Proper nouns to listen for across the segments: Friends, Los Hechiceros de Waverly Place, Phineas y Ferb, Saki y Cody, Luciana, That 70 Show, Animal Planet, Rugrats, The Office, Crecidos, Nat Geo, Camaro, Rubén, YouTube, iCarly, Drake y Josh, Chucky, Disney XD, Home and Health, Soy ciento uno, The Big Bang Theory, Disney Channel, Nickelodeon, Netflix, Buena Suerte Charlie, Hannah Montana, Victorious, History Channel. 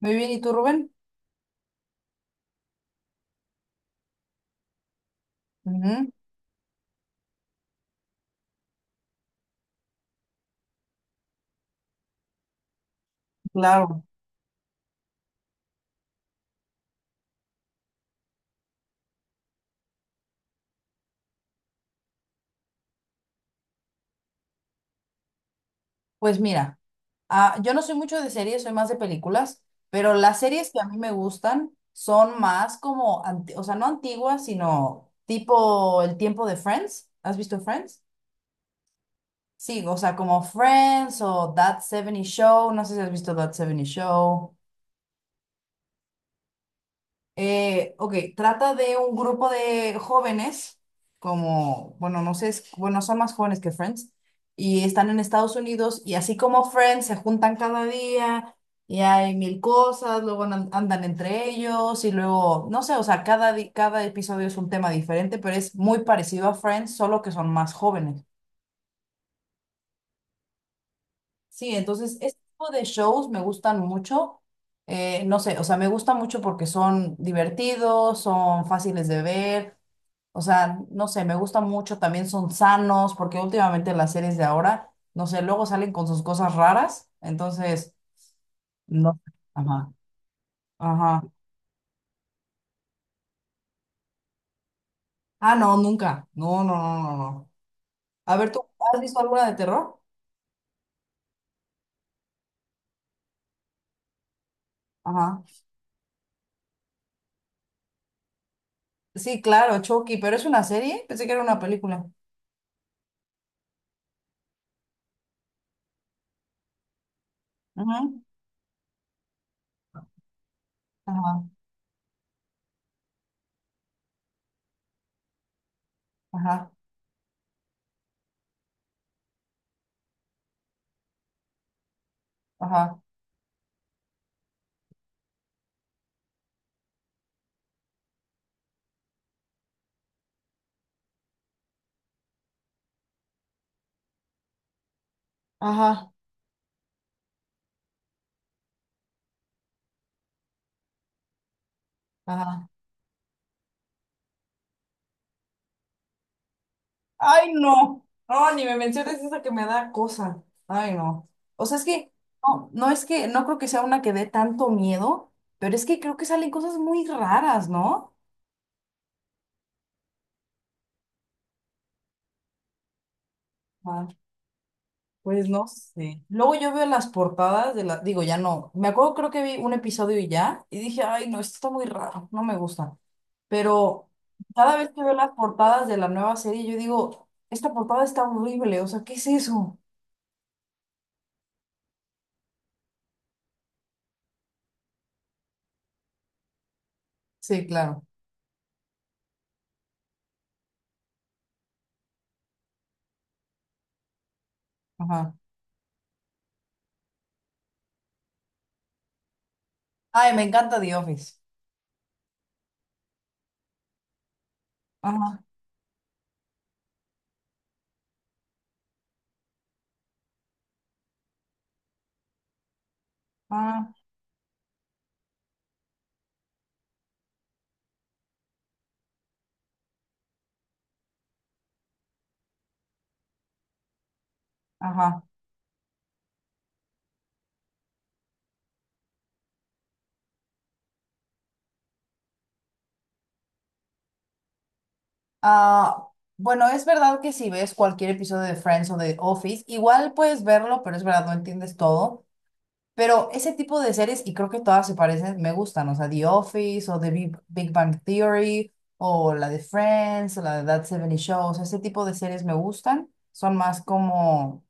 Muy bien, ¿y tú, Rubén? Ujú, claro. Pues mira, yo no soy mucho de series, soy más de películas, pero las series que a mí me gustan son más como, o sea, no antiguas, sino tipo el tiempo de Friends. ¿Has visto Friends? Sí, o sea, como Friends o That 70 Show, no sé si has visto That 70 Show. Ok, trata de un grupo de jóvenes, como, bueno, no sé, bueno, son más jóvenes que Friends, y están en Estados Unidos, y así como Friends se juntan cada día, y hay mil cosas, luego andan entre ellos, y luego, no sé, o sea, cada episodio es un tema diferente, pero es muy parecido a Friends, solo que son más jóvenes. Sí, entonces, este tipo de shows me gustan mucho. No sé, o sea, me gusta mucho porque son divertidos, son fáciles de ver. O sea, no sé, me gusta mucho, también son sanos, porque últimamente las series de ahora, no sé, luego salen con sus cosas raras, entonces, no. Ajá, ajá. Ah, no, nunca. No, no, no, no, no. A ver, ¿tú has visto alguna de terror? Ajá. Sí, claro, Chucky, pero es una serie, pensé que era una película. Ujú, ajá, ajá, ajá, ajá, ajá. Ay, no. No, ni me menciones eso que me da cosa. Ay, no. O sea, es que no, es que no creo que sea una que dé tanto miedo, pero es que creo que salen cosas muy raras, ¿no? Ah, pues no sé. Luego yo veo las portadas de las, digo, ya no. Me acuerdo, creo que vi un episodio y ya, y dije, ay, no, esto está muy raro, no me gusta. Pero cada vez que veo las portadas de la nueva serie, yo digo, esta portada está horrible, o sea, ¿qué es eso? Sí, claro. Ajá. Ay, me encanta The Office. Ajá. Ah, ajá. Ah, bueno, es verdad que si ves cualquier episodio de Friends o de Office, igual puedes verlo, pero es verdad, no entiendes todo. Pero ese tipo de series, y creo que todas se parecen, me gustan. O sea, The Office o The Big, Big Bang Theory o la de Friends o la de That seventy Show. O sea, ese tipo de series me gustan. Son más como,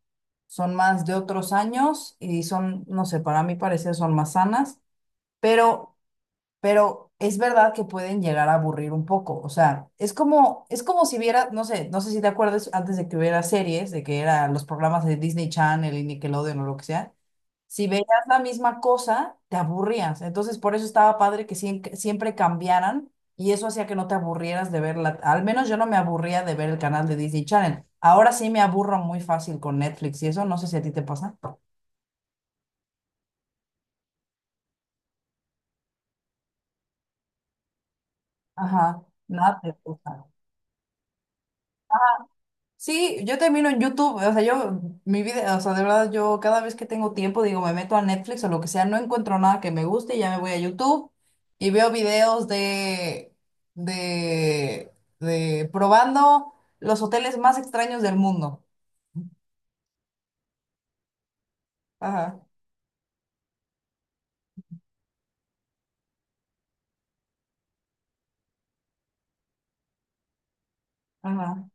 son más de otros años y son, no sé, para mí parecer son más sanas. Pero pero es verdad que pueden llegar a aburrir un poco. O sea, es como si viera, no sé, no sé si te acuerdas antes de que hubiera series, de que eran los programas de Disney Channel y Nickelodeon o lo que sea. Si veías la misma cosa, te aburrías. Entonces, por eso estaba padre que siempre cambiaran y eso hacía que no te aburrieras de verla. Al menos yo no me aburría de ver el canal de Disney Channel. Ahora sí me aburro muy fácil con Netflix y eso, no sé si a ti te pasa. Ajá, nada te gusta. Sí, yo termino en YouTube, o sea, yo, mi vida, o sea, de verdad, yo cada vez que tengo tiempo, digo, me meto a Netflix o lo que sea, no encuentro nada que me guste y ya me voy a YouTube y veo videos de, de, de probando los hoteles más extraños del mundo. Ajá, ajá,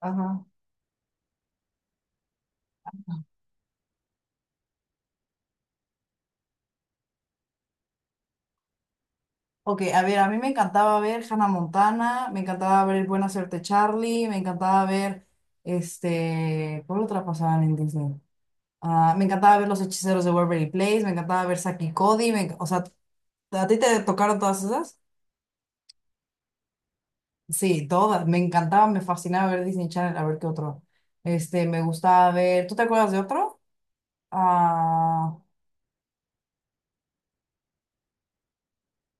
ajá. Ok, a ver, a mí me encantaba ver Hannah Montana, me encantaba ver Buena Suerte Charlie, me encantaba ver, este, ¿cuál otra pasaban en Disney? Ah, me encantaba ver Los Hechiceros de Waverly Place, me encantaba ver Saki y Cody, o sea, ¿a ti te tocaron todas esas? Sí, todas, me encantaba, me fascinaba ver Disney Channel, a ver qué otro. Este, me gustaba ver, ¿tú te acuerdas de otro? Ah,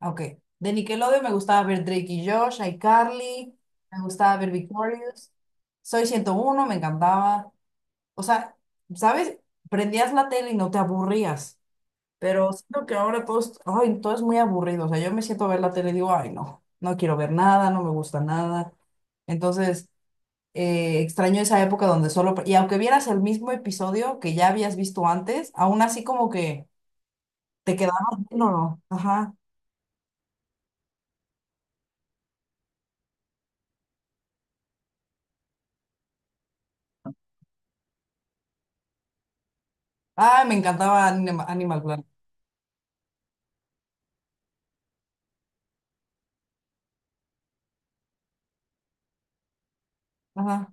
ok. De Nickelodeon me gustaba ver Drake y Josh, iCarly, me gustaba ver Victorious, Soy ciento uno me encantaba. O sea, ¿sabes? Prendías la tele y no te aburrías. Pero siento que ahora todo es, ay, todo es muy aburrido. O sea, yo me siento a ver la tele y digo, ay, no, no quiero ver nada, no me gusta nada. Entonces, extraño esa época donde solo, y aunque vieras el mismo episodio que ya habías visto antes, aún así como que te quedabas bien o no. Ajá. Ay, me encantaba Animal Planet. Ajá.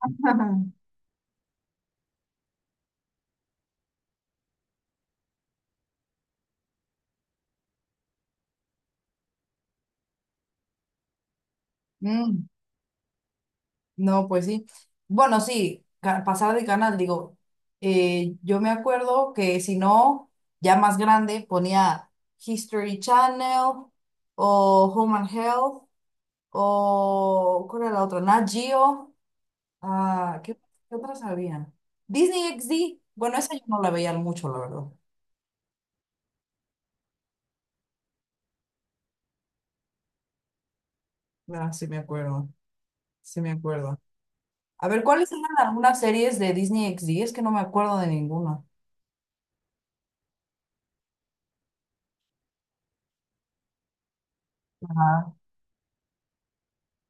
Ajá. No, pues sí. Bueno, sí, pasar de canal, digo, yo me acuerdo que si no, ya más grande, ponía History Channel o Home and Health o, ¿cuál era la otra? Nat Geo. Ah, ¿qué, qué otras habían? Disney XD. Bueno, esa yo no la veía mucho, la verdad. Ah, sí me acuerdo, sí me acuerdo. A ver, ¿cuáles eran algunas series de Disney XD? Es que no me acuerdo de ninguna. Ajá.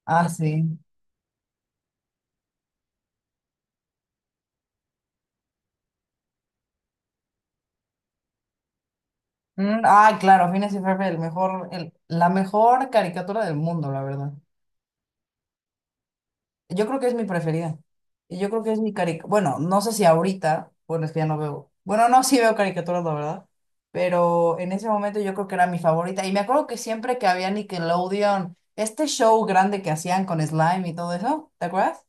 Ah, sí. Ah, claro, Phineas y Ferb, el mejor, el, la mejor caricatura del mundo, la verdad. Yo creo que es mi preferida. Y yo creo que es mi caricatura. Bueno, no sé si ahorita, bueno, es que ya no veo. Bueno, no, sí veo caricaturas, la verdad. Pero en ese momento yo creo que era mi favorita. Y me acuerdo que siempre que había Nickelodeon, este show grande que hacían con Slime y todo eso, ¿te acuerdas?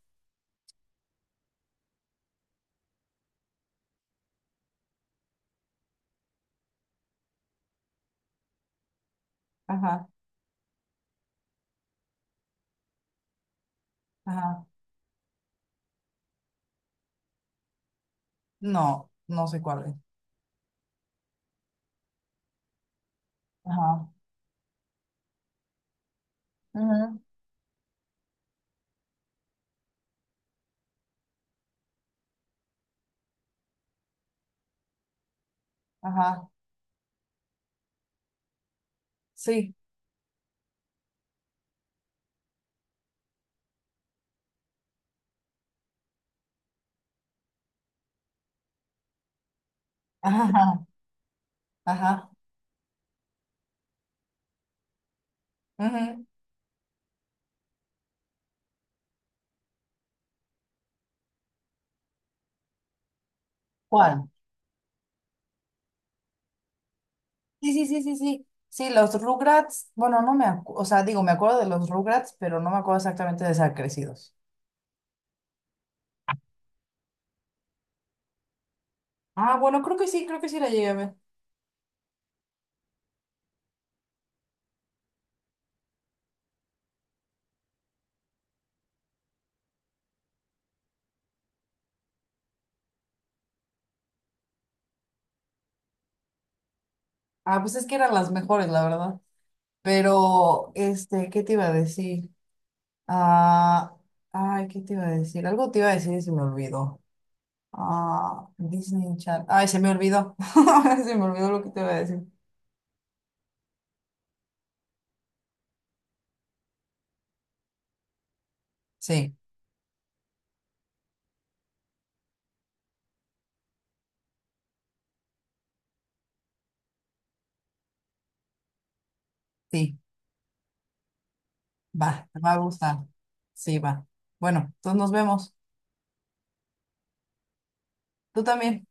Ajá, ajá. No, no sé cuál es. Ajá. Ujú, ajá. Sí. Ajá. Ajá. Ujú. ¿Cuál? Sí, sí, sí, sí, sí. Sí, los Rugrats, bueno, no me acuerdo, o sea, digo, me acuerdo de los Rugrats, pero no me acuerdo exactamente de Crecidos. Ah, bueno, creo que sí la llegué a ver. Ah, pues es que eran las mejores, la verdad. Pero, este, ¿qué te iba a decir? Ah, ay, ¿qué te iba a decir? Algo te iba a decir y se me olvidó. Ah, Disney Channel. Ay, se me olvidó. Se me olvidó lo que te iba a decir. Sí, sí, va, te va a gustar. Sí, va. Bueno, entonces nos vemos. Tú también.